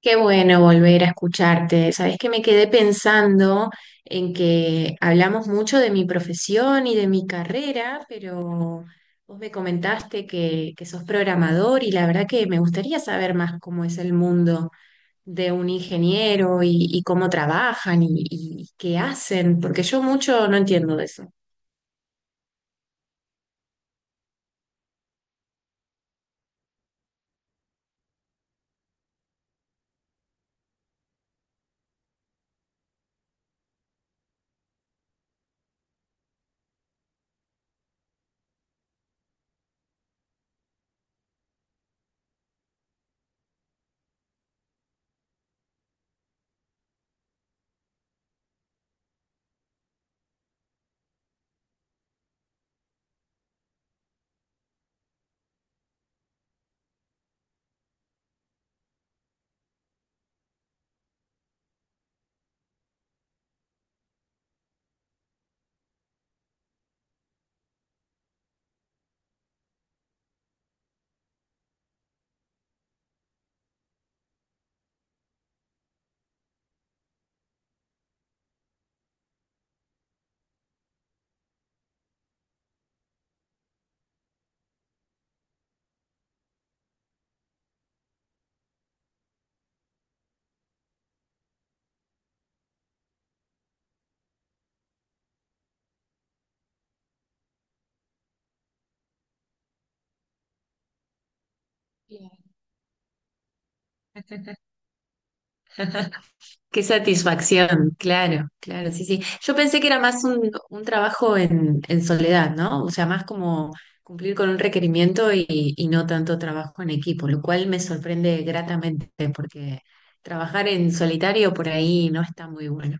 Qué bueno volver a escucharte. Sabes que me quedé pensando en que hablamos mucho de mi profesión y de mi carrera, pero vos me comentaste que sos programador y la verdad que me gustaría saber más cómo es el mundo de un ingeniero y cómo trabajan y qué hacen, porque yo mucho no entiendo de eso. Qué satisfacción, claro, claro, sí, sí. Yo pensé que era más un trabajo en soledad, ¿no? O sea, más como cumplir con un requerimiento y no tanto trabajo en equipo, lo cual me sorprende gratamente porque trabajar en solitario por ahí no está muy bueno.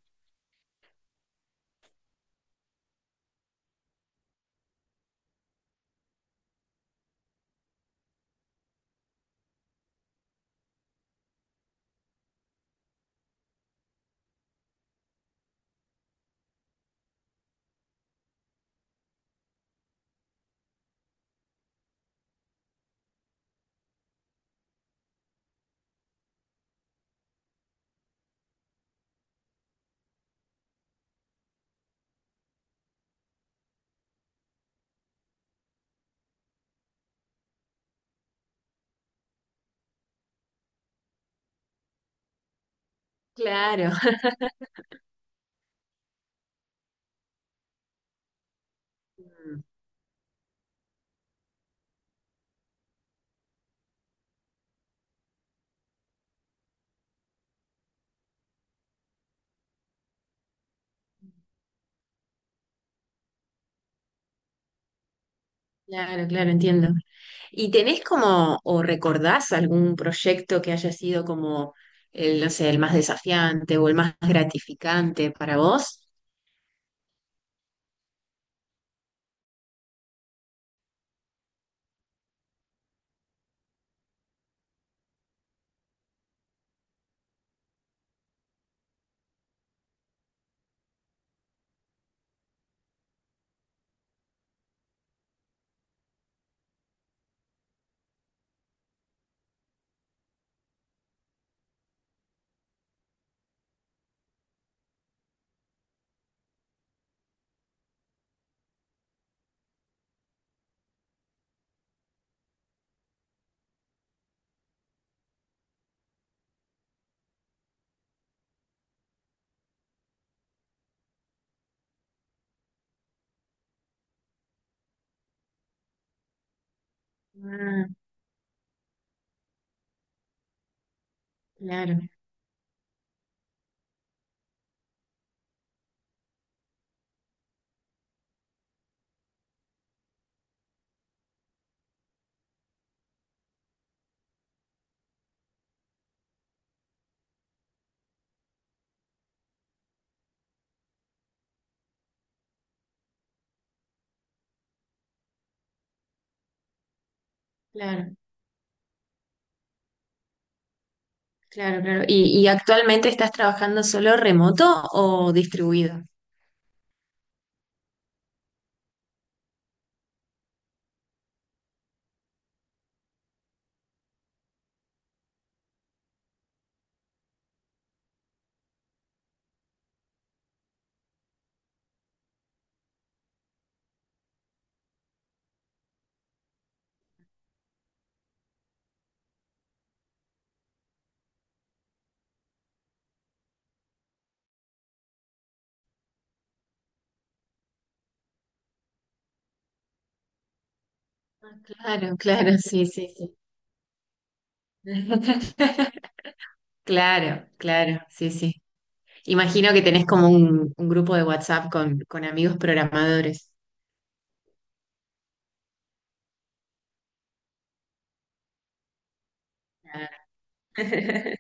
Claro, Mm, claro, claro, entiendo. ¿Y tenés como, o recordás algún proyecto que haya sido como, el, no sé, el más desafiante o el más gratificante para vos? Ah, claro, claro, claro, claro. ¿Y actualmente estás trabajando solo remoto o distribuido? Ah, claro, claro, sí, sí, sí. Claro, claro, sí, sí. Imagino que tenés como un grupo de WhatsApp con amigos programadores. Claro.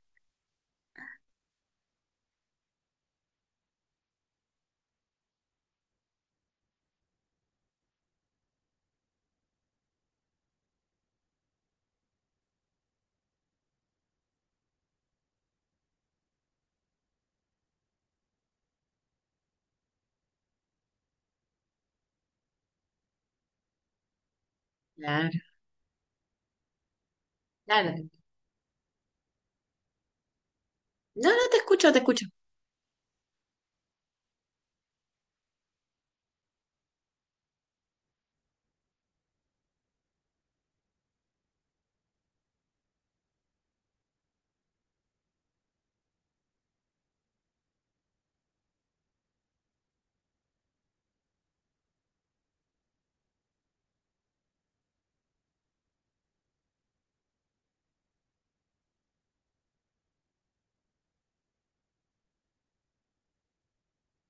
Claro, claro. No, no, te escucho, te escucho.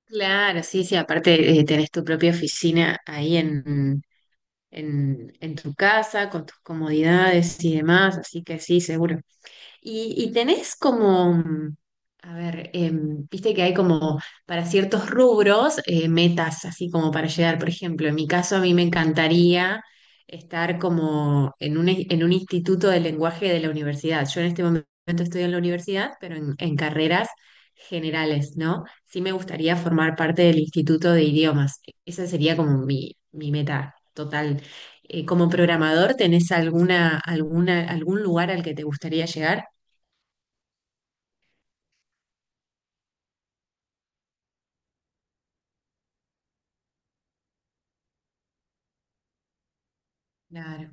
Claro, sí, sí. Aparte, tenés tu propia oficina ahí en, en tu casa, con tus comodidades y demás, así que sí, seguro. Y tenés como, a ver, viste que hay como para ciertos rubros metas así como para llegar. Por ejemplo, en mi caso a mí me encantaría estar como en un, en un instituto de lenguaje de la universidad. Yo en este momento estoy en la universidad, pero en carreras generales, ¿no? Sí me gustaría formar parte del instituto de idiomas. Esa sería como mi meta total. Como programador, ¿tenés alguna, alguna, algún lugar al que te gustaría llegar? Claro,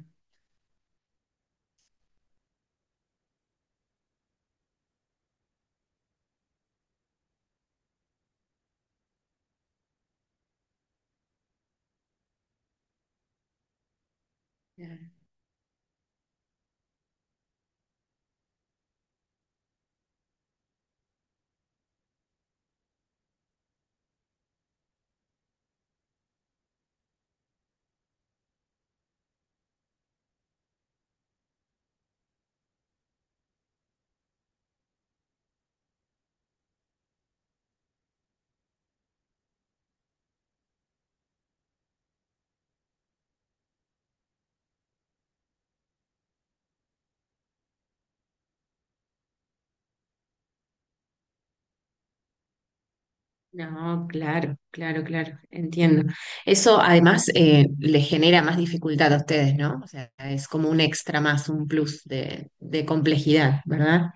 claro. No, claro, claro, claro, entiendo. Eso además le genera más dificultad a ustedes, ¿no? O sea, es como un extra más, un plus de complejidad, ¿verdad?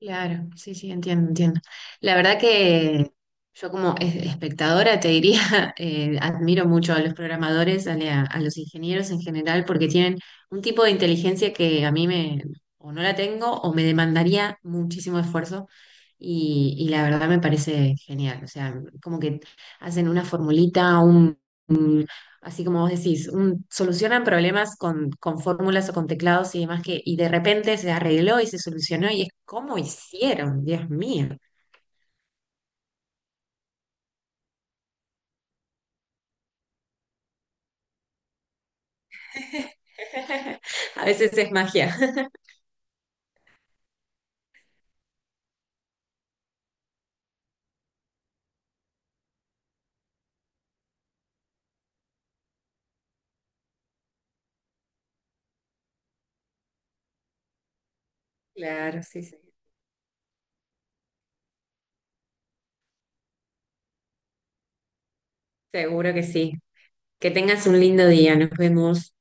Claro, sí, sí, entiendo, entiendo. La verdad que yo como espectadora te diría, admiro mucho a los programadores, a, a los ingenieros en general, porque tienen un tipo de inteligencia que a mí me, o no la tengo, o me demandaría muchísimo esfuerzo, y la verdad me parece genial. O sea, como que hacen una formulita, así como vos decís, solucionan problemas con fórmulas o con teclados y demás que, y de repente se arregló y se solucionó y es como hicieron, Dios mío. A veces es magia. Claro, sí, sí. Seguro que sí. Que tengas un lindo día, nos vemos.